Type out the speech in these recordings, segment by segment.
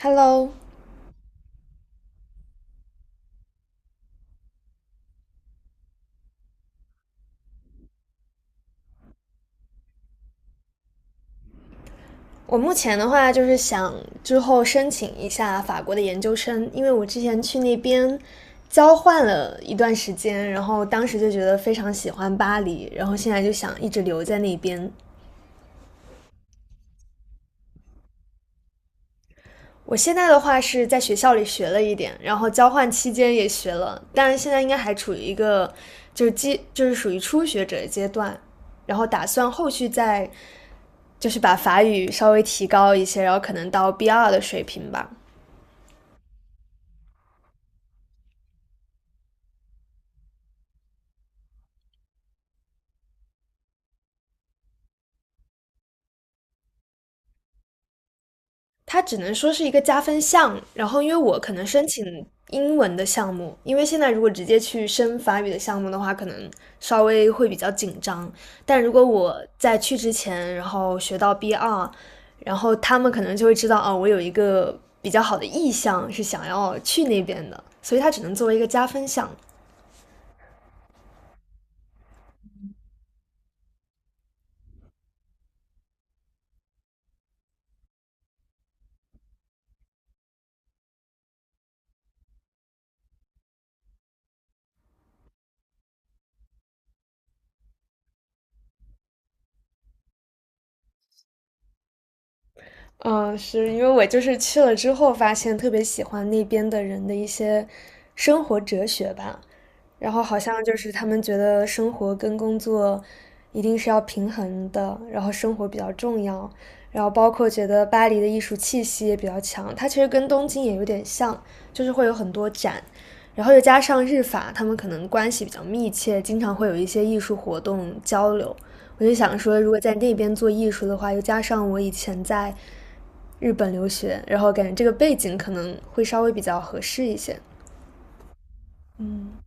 Hello,我目前的话就是想之后申请一下法国的研究生，因为我之前去那边交换了一段时间，然后当时就觉得非常喜欢巴黎，然后现在就想一直留在那边。我现在的话是在学校里学了一点，然后交换期间也学了，但是现在应该还处于一个就是属于初学者的阶段，然后打算后续再就是把法语稍微提高一些，然后可能到 B2 的水平吧。它只能说是一个加分项。然后，因为我可能申请英文的项目，因为现在如果直接去申法语的项目的话，可能稍微会比较紧张。但如果我在去之前，然后学到 B2,然后他们可能就会知道，哦，我有一个比较好的意向是想要去那边的，所以它只能作为一个加分项。嗯，是因为我就是去了之后发现特别喜欢那边的人的一些生活哲学吧，然后好像就是他们觉得生活跟工作一定是要平衡的，然后生活比较重要，然后包括觉得巴黎的艺术气息也比较强，它其实跟东京也有点像，就是会有很多展，然后又加上日法，他们可能关系比较密切，经常会有一些艺术活动交流，我就想说，如果在那边做艺术的话，又加上我以前在日本留学，然后感觉这个背景可能会稍微比较合适一些。嗯，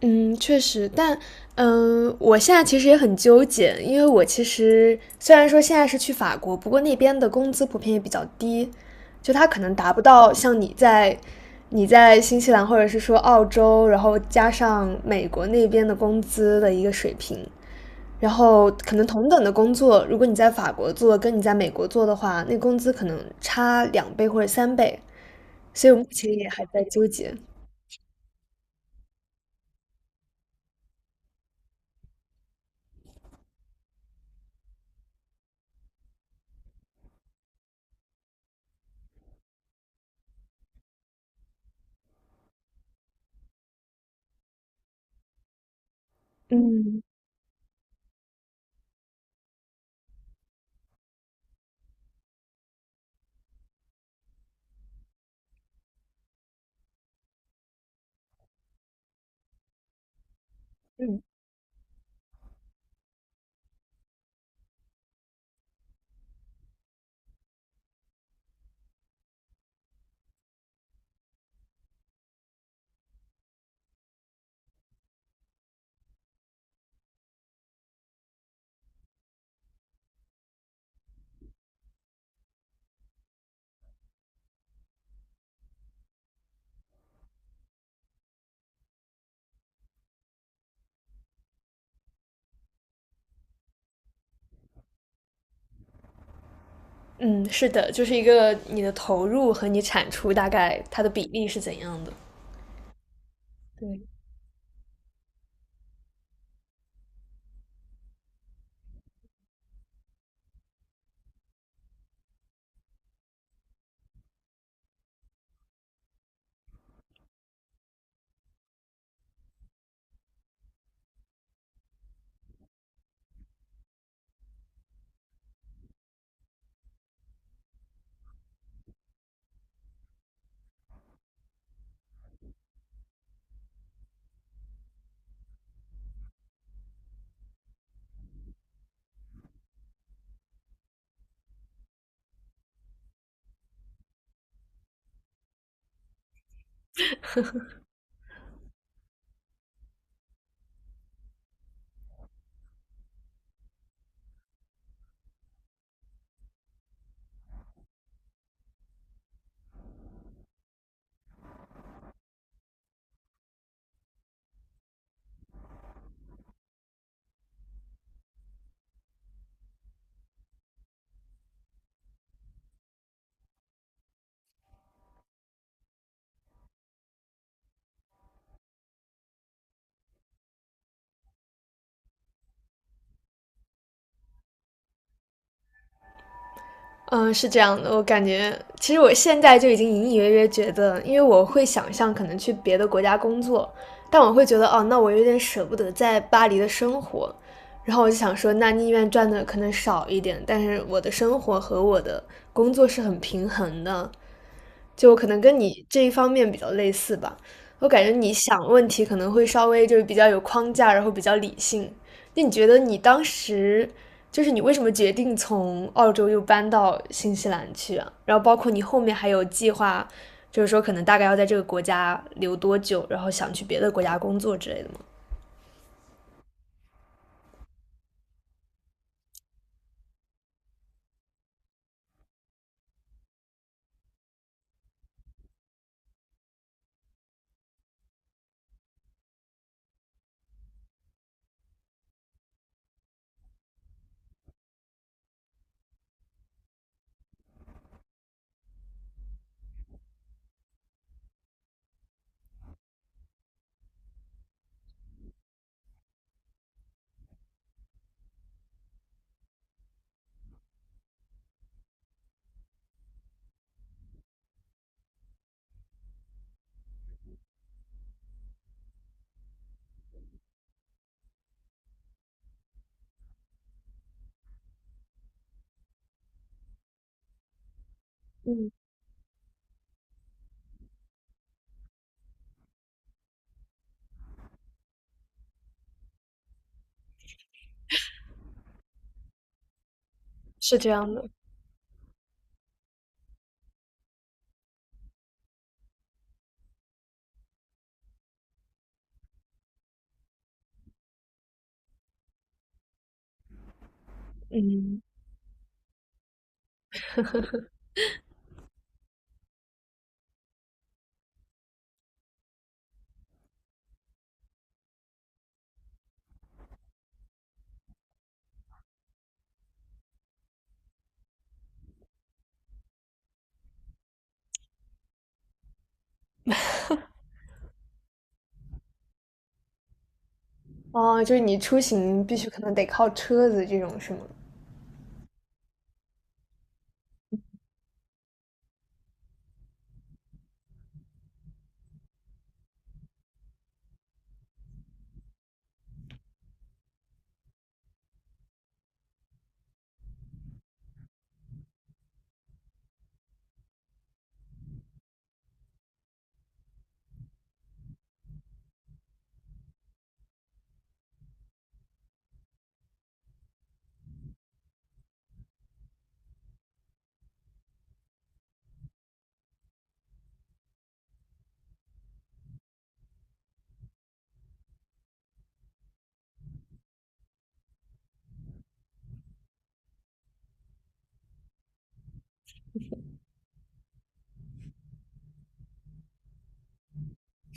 嗯，确实，但我现在其实也很纠结，因为我其实虽然说现在是去法国，不过那边的工资普遍也比较低，就它可能达不到像你在新西兰或者是说澳洲，然后加上美国那边的工资的一个水平。然后可能同等的工作，如果你在法国做，跟你在美国做的话，那工资可能差两倍或者三倍，所以我目前也还在纠结。嗯嗯。嗯，是的，就是一个你的投入和你产出大概它的比例是怎样的？对，嗯，是这样的，我感觉其实我现在就已经隐隐约约觉得，因为我会想象可能去别的国家工作，但我会觉得哦，那我有点舍不得在巴黎的生活，然后我就想说，那宁愿赚的可能少一点，但是我的生活和我的工作是很平衡的，就我可能跟你这一方面比较类似吧，我感觉你想问题可能会稍微就是比较有框架，然后比较理性。那你觉得你当时就是你为什么决定从澳洲又搬到新西兰去啊？然后包括你后面还有计划，就是说可能大概要在这个国家留多久，然后想去别的国家工作之类的吗？嗯，是这样的，嗯，哦，就是你出行必须可能得靠车子这种是吗？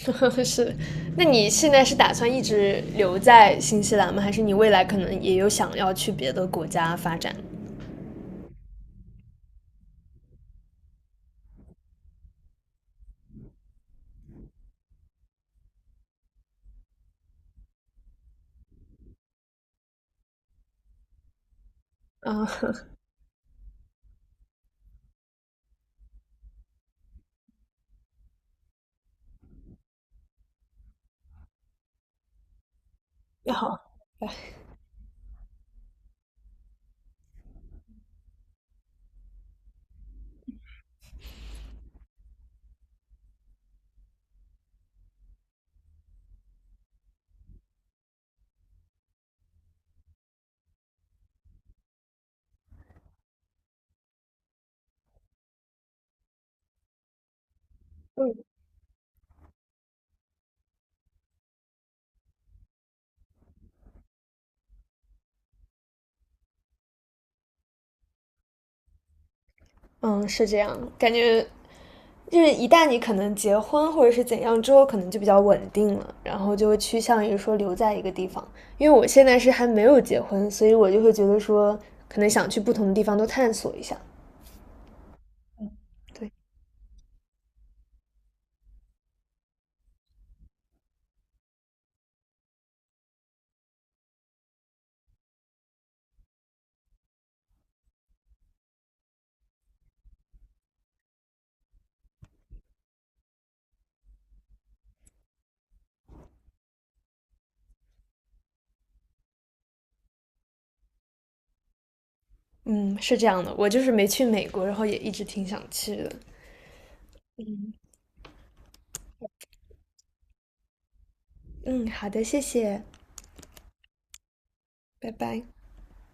是，那你现在是打算一直留在新西兰吗？还是你未来可能也有想要去别的国家发展？啊，好，哎嗯嗯，是这样，感觉就是一旦你可能结婚或者是怎样之后，可能就比较稳定了，然后就会趋向于说留在一个地方。因为我现在是还没有结婚，所以我就会觉得说，可能想去不同的地方都探索一下。对，嗯，是这样的，我就是没去美国，然后也一直挺想去的。嗯，好的，谢谢。拜拜。